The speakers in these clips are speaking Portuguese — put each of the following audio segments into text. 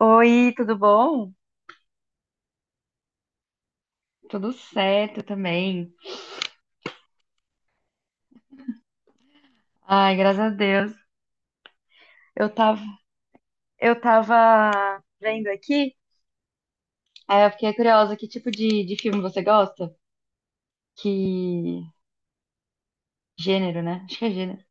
Oi, tudo bom? Tudo certo também. Ai, graças a Deus. Eu tava, eu tava vendo aqui, aí eu fiquei curiosa, que tipo de filme você gosta? Que gênero, né? Acho que é gênero.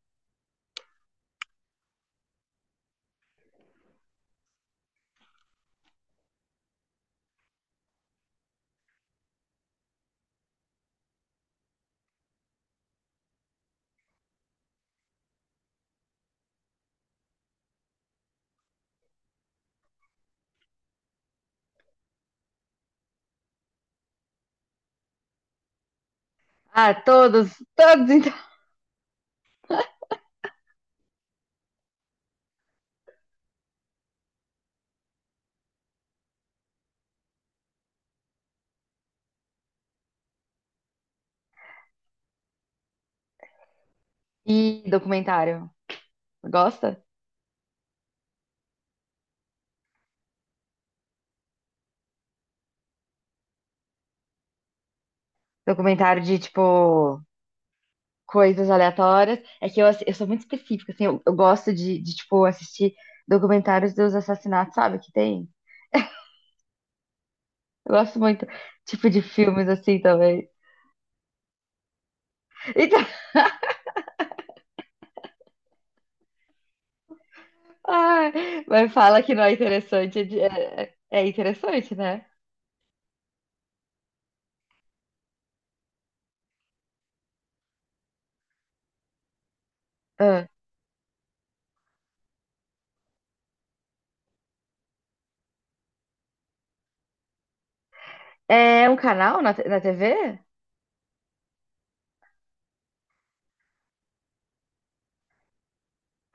Ah, todos, todos então. E documentário. Gosta? Documentário de, tipo, coisas aleatórias. É que eu sou muito específica, assim, eu gosto tipo, assistir documentários dos assassinatos, sabe? Que tem. Eu gosto muito, tipo, de filmes assim também. Ah, mas fala que não é interessante. É interessante, né? Ah. É um canal na na TV?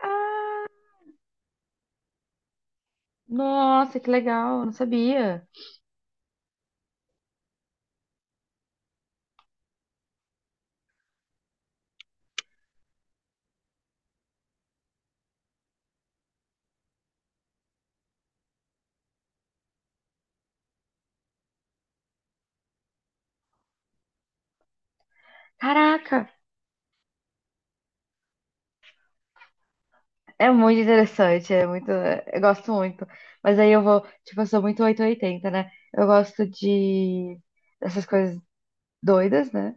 Ah, nossa, que legal, não sabia. Caraca, é muito interessante, é muito, eu gosto muito. Mas aí eu vou, tipo, eu sou muito 880, né? Eu gosto de dessas coisas doidas, né?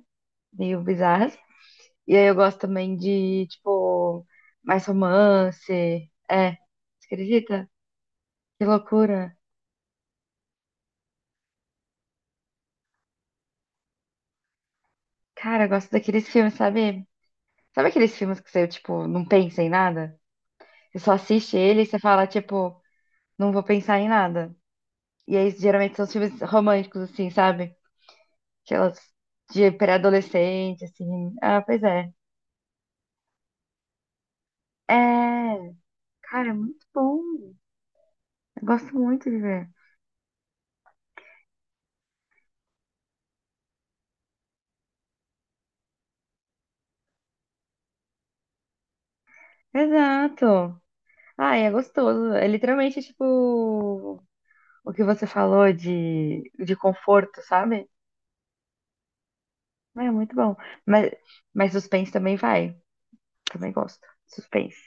Meio bizarras. E aí eu gosto também de, tipo, mais romance. É, você acredita? Que loucura. Cara, eu gosto daqueles filmes, sabe? Sabe aqueles filmes que você, tipo, não pensa em nada? Você só assiste ele e você fala, tipo, não vou pensar em nada. E aí, geralmente, são os filmes românticos, assim, sabe? Aquelas de pré-adolescente, assim. Ah, pois é. É, cara, é muito bom. Eu gosto muito de ver. Exato. Ah, é gostoso. É literalmente, tipo, o que você falou de conforto, sabe? É muito bom. Mas, mas suspense também vai. Também gosto. Suspense.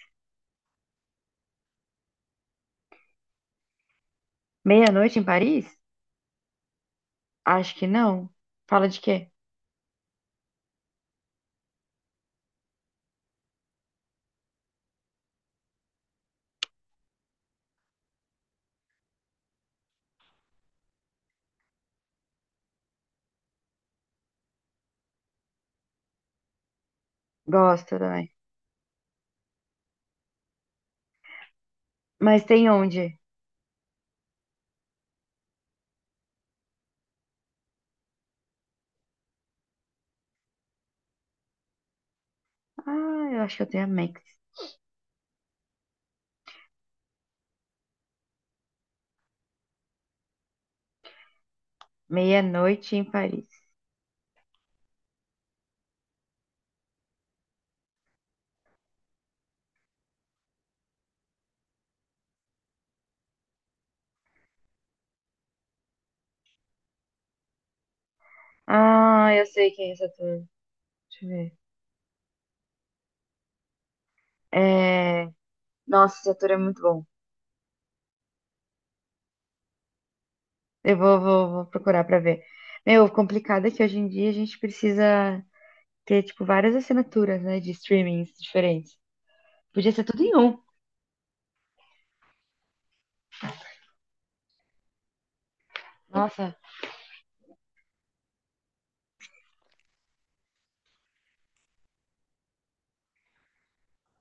Meia-noite em Paris? Acho que não. Fala de quê? Gosto também. Mas tem onde? Ah, eu acho que eu tenho a Max. Meia-noite em Paris. Ah, eu sei quem é esse ator. Deixa eu ver. É... Nossa, esse ator é muito bom. Eu vou, vou procurar pra ver. Meu, o complicado é que hoje em dia a gente precisa ter, tipo, várias assinaturas, né, de streamings diferentes. Podia ser tudo em um. Nossa.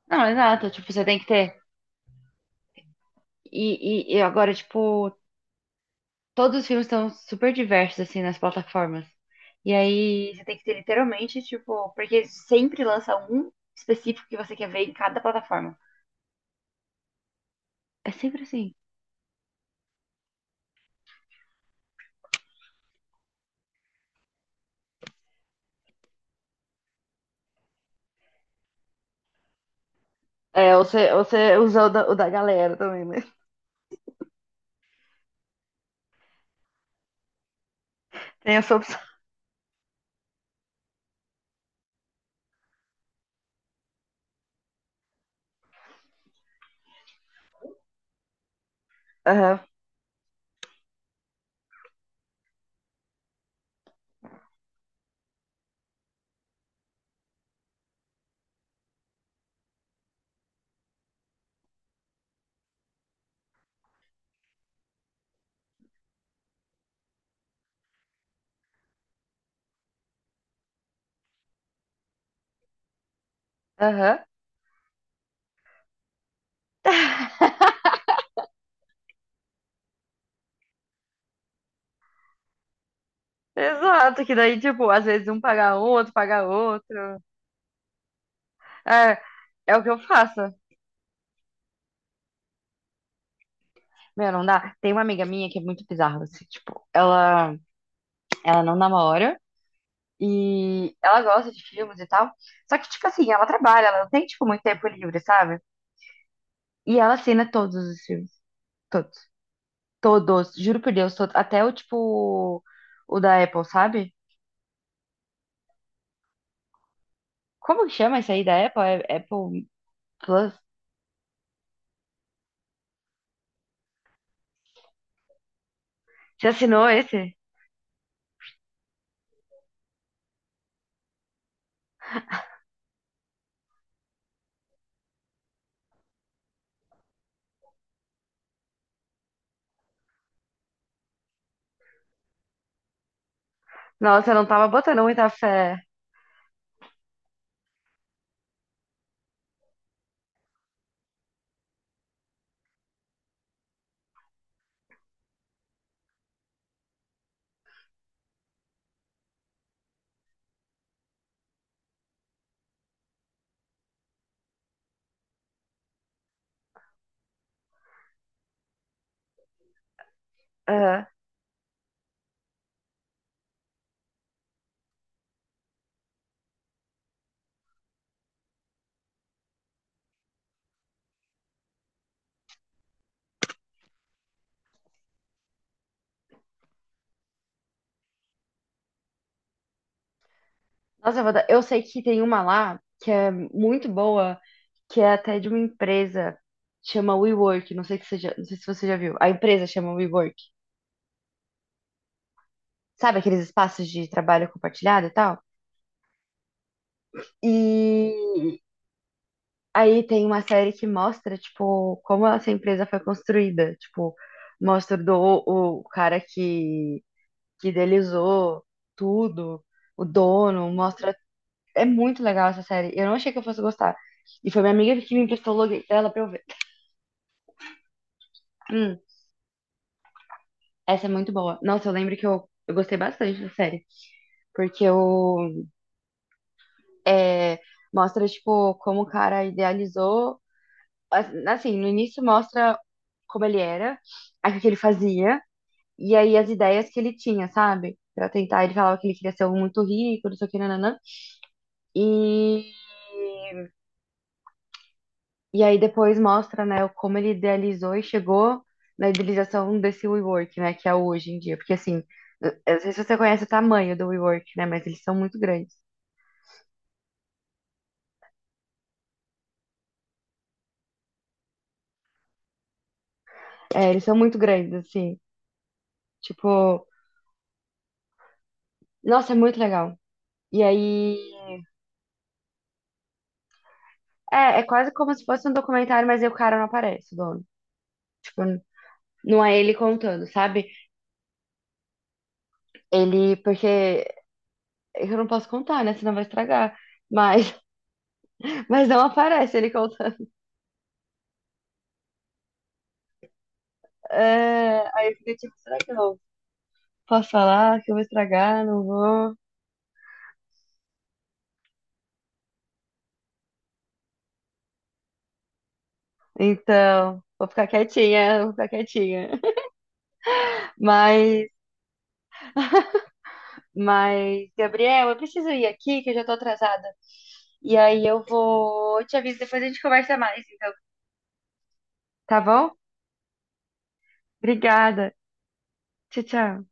Não, exato. Tipo, você tem que ter. E agora, tipo, todos os filmes estão super diversos, assim, nas plataformas. E aí você tem que ter literalmente, tipo, porque sempre lança um específico que você quer ver em cada plataforma. É sempre assim. É, você usa o da galera também, né? Tem essa opção. Aham, aham. Exato, que daí, tipo, às vezes um paga um, outro, paga outro. É, é o que eu faço. Meu, não dá. Tem uma amiga minha que é muito bizarra, assim, tipo, ela não namora. E ela gosta de filmes e tal. Só que, tipo assim, ela trabalha, ela não tem, tipo, muito tempo livre, sabe? E ela assina todos os filmes. Todos. Todos. Juro por Deus, todos. Até o, tipo, o da Apple, sabe? Como que chama esse aí da Apple? É Apple Plus? Você assinou esse? Nossa, eu não tava botando muita fé. Aham. Nossa, eu sei que tem uma lá que é muito boa, que é até de uma empresa, chama WeWork. Não sei que você já- Não sei se você já viu. A empresa chama WeWork. Sabe, aqueles espaços de trabalho compartilhado e tal. E aí tem uma série que mostra, tipo, como essa empresa foi construída. Tipo, mostra do, o cara que idealizou tudo, o dono, mostra. É muito legal essa série. Eu não achei que eu fosse gostar. E foi minha amiga que me emprestou o logo dela pra eu ver. Hum, essa é muito boa. Nossa, eu lembro que eu gostei bastante da série. Porque eu, é, mostra, tipo, como o cara idealizou. Assim, no início mostra como ele era, aí o que ele fazia, e aí as ideias que ele tinha, sabe? Pra tentar, ele falava que ele queria ser um muito rico, não sei o que, nananã. E, e aí depois mostra, né, como ele idealizou e chegou na idealização desse WeWork, né, que é hoje em dia. Porque, assim, eu não sei se você conhece o tamanho do WeWork, né, mas eles são muito grandes. É, eles são muito grandes, assim. Tipo, nossa, é muito legal. E aí. É, é quase como se fosse um documentário, mas aí o cara não aparece, o dono. Tipo, não é ele contando, sabe? Ele, porque eu não posso contar, né? Senão vai estragar. Mas, mas não aparece ele contando. É, aí eu fiquei tipo, será que eu não posso falar? Que eu vou estragar? Não vou. Então, vou ficar quietinha, vou ficar quietinha. Mas Mas, Gabriel, eu preciso ir aqui, que eu já tô atrasada. E aí eu vou. Eu te aviso, depois a gente conversa mais, então. Tá bom? Obrigada. Tchau, tchau.